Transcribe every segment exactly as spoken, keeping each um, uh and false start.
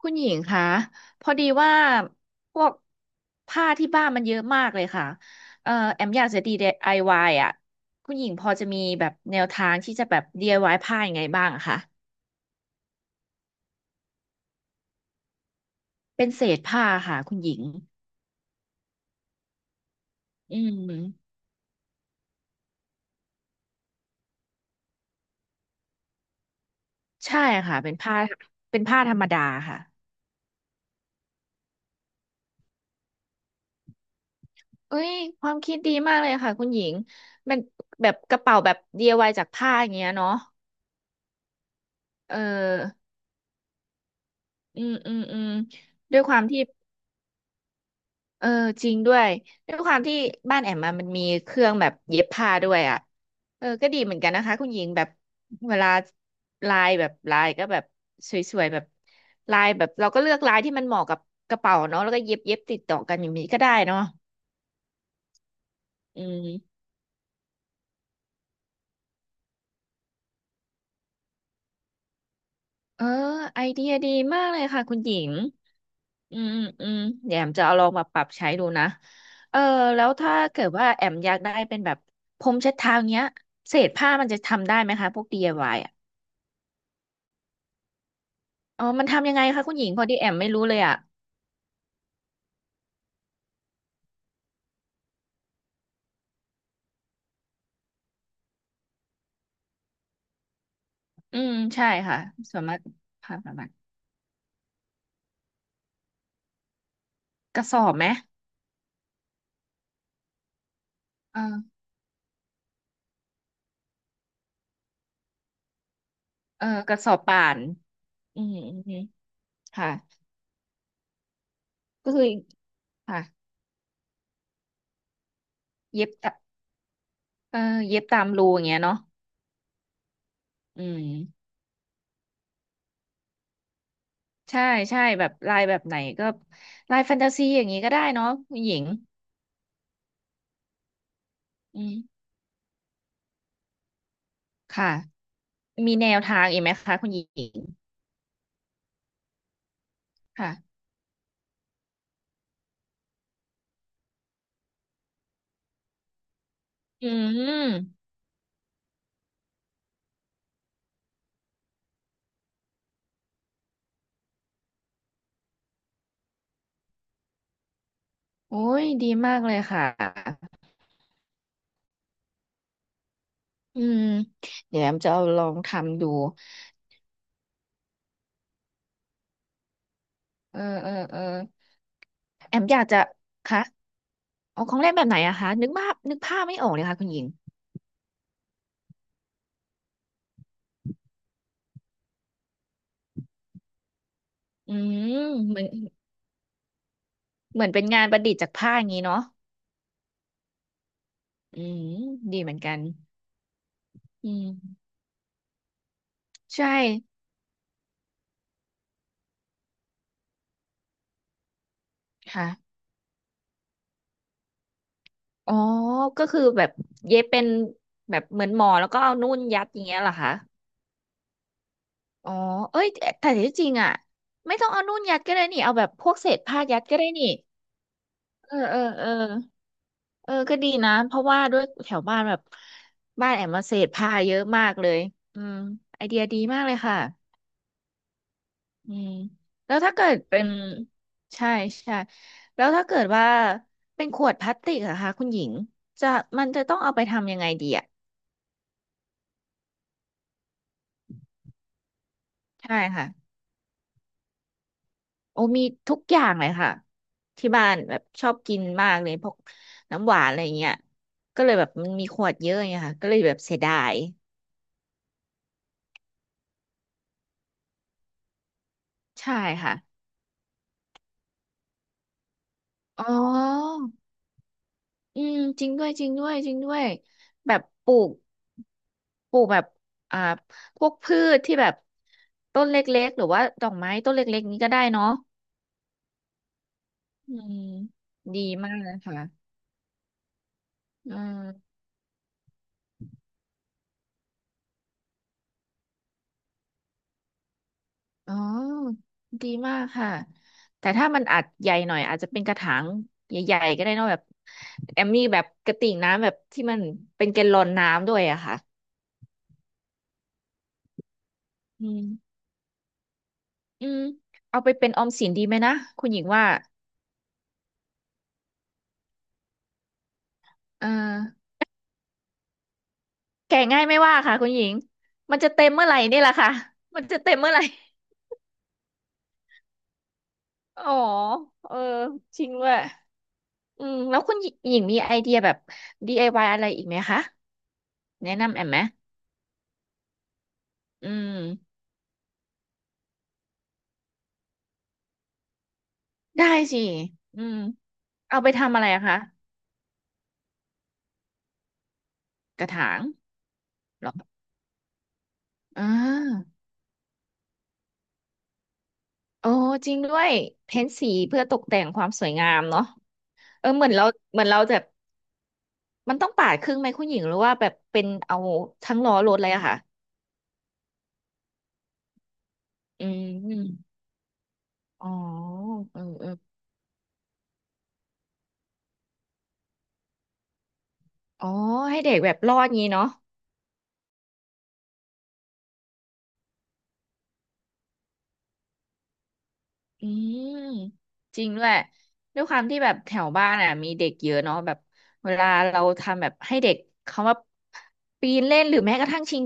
คุณหญิงคะพอดีว่าพวกผ้าที่บ้านมันเยอะมากเลยค่ะเอ่อแอมอยากจะ ดี ไอ วาย อวายอ่ะคุณหญิงพอจะมีแบบแนวทางที่จะแบบ ดี ไอ วาย ผ้ายังไงบ้างอะคะเป็นเศษผ้าค่ะคุณหญิงอืมใช่ค่ะเป็นผ้าเป็นผ้าธรรมดาค่ะเอ้ยความคิดดีมากเลยค่ะคุณหญิงมันแบบกระเป๋าแบบ ดี ไอ วาย จากผ้าอย่างเงี้ยเนาะเอออืมอืมอืมด้วยความที่ เออจริงด้วยด้วยความที่บ้านแอมมามันมีเครื่องแบบเย็บผ้าด้วยอ่ะเออก็ดีเหมือนกันนะคะคุณหญิงแบบเวลาลายแบบลายก็แบบสวยๆแบบลายแบบเราก็เลือกลายที่มันเหมาะกับกระเป๋าเนาะแล้วก็เย็บเย็บติดต่อกันอย่างนี้ก็ได้เนาะอืมเออไอเดียดีมากเลยค่ะคุณหญิงอืมอืมอืมเดี๋ยวแอมจะเอาลองมาปรับใช้ดูนะเออแล้วถ้าเกิดว่าแอมอยากได้เป็นแบบพรมเช็ดเท้าเนี้ยเศษผ้ามันจะทำได้ไหมคะพวก ดี ไอ วาย อ๋อมันทำยังไงคะคุณหญิงพอดีแอมไม่รู้เลยอ่ะอืมใช่ค่ะสามารถพาประมาณกระสอบไหมเออเออกระสอบป่านอืมอืมอืมค่ะก็คือค่ะเย็บตะเออเย็บตามรูอย่างเงี้ยเนาะอืมใช่ใช่แบบลายแบบไหนก็ลายแฟนตาซีอย่างนี้ก็ได้เนาะคุณหญิงอืมค่ะมีแนวทางอีกไหมคะคุณหญิงค่ะอืมโอ้ยดีมากเลยค่ะอืมเดี๋ยวแอมจะเอาลองทำดู เออเออเออแอมอยากจะคะเอาของเล่นแบบไหนอะคะนึกภาพนึกภาพไม่ออกเลยค่ะคุณหญิงอืมเหมือนเหมือนเป็นงานประดิษฐ์จากผ้าอย่างนี้เนาะอืมดีเหมือนกันอืมใช่ค่ะอ๋อก็คือแบบเย็บเป็นแบบเหมือนหมอแล้วก็เอานุ่นยัดอย่างเงี้ยเหรอคะอ๋อเอ้ยแต่แต่ที่จริงอะไม่ต้องเอานุ่นยัดก็ได้นี่เอาแบบพวกเศษผ้ายัดก็ได้นี่เออเออเออ เออก็ดีนะเพราะว่าด้วยแถวบ้านแบบบ้านแอมมาเศษผ้าเยอะมากเลยอืมไอเดียดีมากเลยค่ะอืมแล้วถ้าเกิดเป็นใช่ใช่แล้วถ้าเกิดว่าเป็นขวดพลาสติกอะคะคุณหญิงจะมันจะต้องเอาไปทำยังไงดีอะใช่ค่ะโอ้มีทุกอย่างเลยค่ะที่บ้านแบบชอบกินมากเลยพวกน้ำหวานอะไรเงี้ยก็เลยแบบมันมีขวดเยอะไงค่ะก็เลยแบบเสียดายใช่ค่ะอ๋อ อืมจริงด้วยจริงด้วยจริงด้วยแบบปลูกปลูกแบบอ่าพวกพืชที่แบบต้นเล็กๆหรือว่าดอกไม้ต้นเล็กๆนี้ก็ได้เนาะอืมดีมากเลยค่ะอืมอ๋อดีมากค่ะแต่ถ้ามันอาจใหญ่หน่อยอาจจะเป็นกระถางใหญ่ๆก็ได้เนอะแบบแอมมี่แบบกระติ่งน้ำแบบที่มันเป็นแกลลอนน้ำด้วยอะค่ะอืมอืมเอาไปเป็นออมสินดีไหมนะคุณหญิงว่าเออ แก่ง่ายไม่ว่าค่ะคุณหญิงมันจะเต็มเมื่อไหร่นี่แหละค่ะมันจะเต็มเมื่อไหร่อ๋อเออจริงด้วยอืมแล้วคุณหญิงมีไอเดียแบบ ดี ไอ วาย อวายอะไรอีกไหมคะแนะนำแอมไหมอืมได้สิอืมเอาไปทำอะไรอะคะกระถางเหรออ่าโอ้จริงด้วยเพ้นสีเพื่อตกแต่งความสวยงามเนาะเออเหมือนเราเหมือนเราแบบมันต้องปาดครึ่งไหมคุณหญิงหรือว่าแบบเป็นเอาทั้งล้อรถเลยอะค่ะอืม อ๋อเออเอออ๋อให้เด็กแบบรอดงี้เนาะอืมจริงด้วยด้วยความที่แบบแถวบ้านอ่ะมีเด็กเยอะเนาะแบบเวลาเราทำแบบให้เด็กเขาว่าปีนเล่นหรือแม้กระทั่งชิง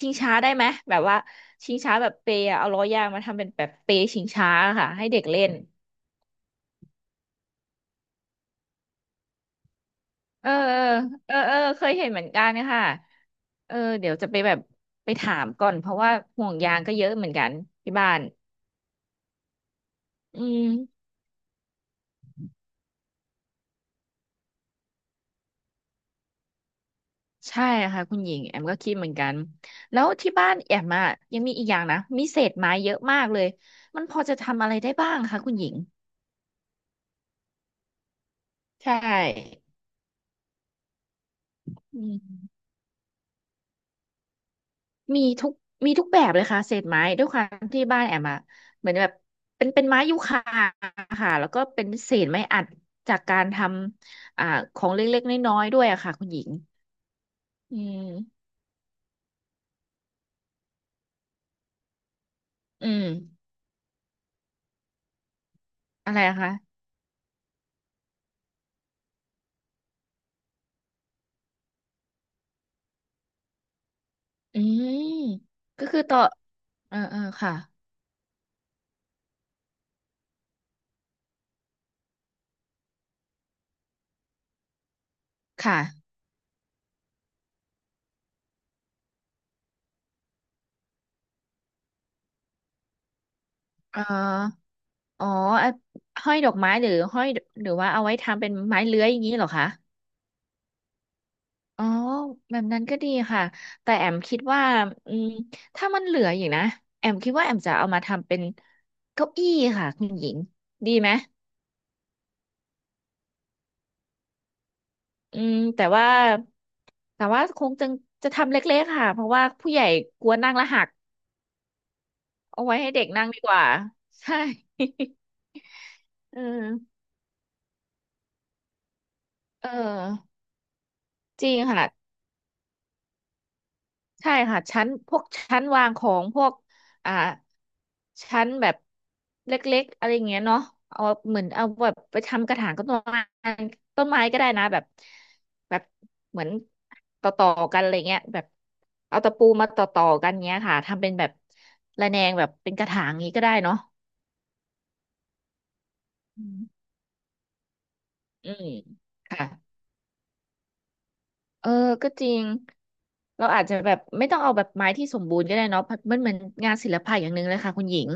ชิงช้าได้ไหมแบบว่าชิงช้าแบบเปย์อะเอาล้อยางมาทำเป็นแบบเปย์ชิงช้าค่ะให้เด็กเล่นเออเออเออเออเคยเห็นเหมือนกันค่ะเออเดี๋ยวจะไปแบบไปถามก่อนเพราะว่าห่วงยางก็เยอะเหมือนกันที่บ้านอืม ใช่ค่ะคุณหญิงแอมก็คิดเหมือนกันแล้วที่บ้านแอมอ่ะยังมีอีกอย่างนะมีเศษไม้เยอะมากเลยมันพอจะทำอะไรได้บ้างคะคุณหญิงใช่อืมมีทุกมีทุกแบบเลยค่ะเศษไม้ด้วยความที่บ้านแอมอะเหมือนแบบเป็นเป็นไม้ยูคาค่ะแล้วก็เป็นเศษไม้อัดจากการทำอ่าของเล็กๆน้อยๆด้วยอะค่ะคุณหญิงอืมอืมอะไรอะคะอืมก็คือต่อเออเออค่ะค่ะเออ อ๋ออ่ะห้อยดอกไม้หรือห้อยหรือว่าเอาไว้ทำเป็นไม้เลื้อยอย่างนี้เหรอคะอ๋อแบบนั้นก็ดีค่ะแต่แอมคิดว่าอืมถ้ามันเหลืออยู่นะแอมคิดว่าแอมจะเอามาทำเป็นเก้าอี้ค่ะคุณหญิงดีไหมอืมแต่ว่าแต่ว่าคงจะจะทำเล็กๆค่ะเพราะว่าผู้ใหญ่กลัวนั่งแล้วหักเอาไว้ให้เด็กนั่งดีกว่าใช่ เออเออจริงค่ะ ใช่ค่ะชั้นพวกชั้นวางของพวกอ่าชั้นแบบเล็กๆอะไรอย่างเงี้ยเนาะเอาเหมือนเอาแบบไปทำกระถางต้นไม้ต้นไม้ก็ได้นะแบบแบบเหมือนต่อต่อกันอะไรเงี้ยแบบเอาตะปูมาต่อต่อกันเงี้ยค่ะทำเป็นแบบระแนงแบบเป็นกระถางนี้ก็ได้เนาะอืมอืมค่ะ เออ ก็จริง เราอาจจะแบบไม่ต้องเอาแบบไม้ที่สมบูรณ์ก็ได้เนาะเพราะมันเหมือนงานศิลปะอย่างหนึ่งเลยค่ะคุณหญิง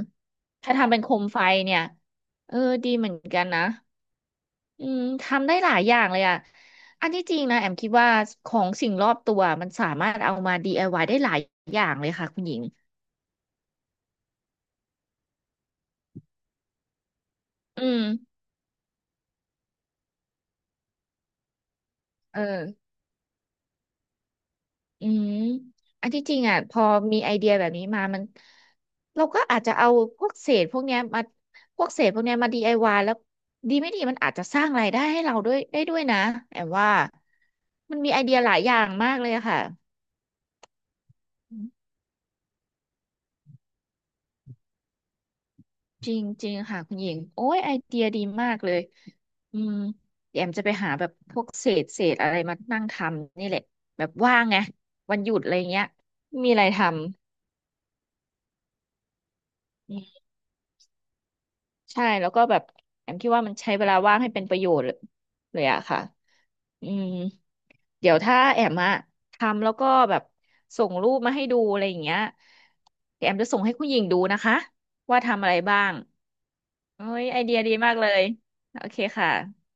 ถ้าทำเป็นโคมไฟเนี่ยเออ ดีเหมือนกันนะ อืม ทำได้หลายอย่างเลยอ่ะอันที่จริงนะแอมคิดว่าของสิ่งรอบตัวมันสามารถเอามา ดี ไอ วาย ไอวายได้หลายอย่างเลยค่ะคุณหญิงอืมเออ อืมอันที่จริงอ่ะพอมีไอเดียแบบนี้มามันเราก็อาจจะเอาพวกเศษพวกเนี้ยมาพวกเศษพวกเนี้ยมา ดี ไอ วาย แล้วดีไม่ดีมันอาจจะสร้างรายได้ให้เราด้วยได้ด้วยนะแอมว่ามันมีไอเดียหลายอย่างมากเลยอะค่ะจริงจริงค่ะคุณหญิงโอ้ยไอเดียดีมากเลยอืมเดี๋ยวแอมจะไปหาแบบพวกเศษเศษอะไรมานั่งทำนี่แหละแบบว่างไงวันหยุดอะไรเงี้ยมีอะไรทำ ใช่แล้วก็แบบแอมคิดว่ามันใช้เวลาว่างให้เป็นประโยชน์เลยเลยอะค่ะอืมเดี๋ยวถ้าแอมอะทำแล้วก็แบบส่งรูปมาให้ดูอะไรอย่างเงี้ยแอมจะส่งให้คุณหญิงดูนะคะว่าทำอะไรบ้างเอ้ยไอเดียดีมากเลยโอเคค่ะ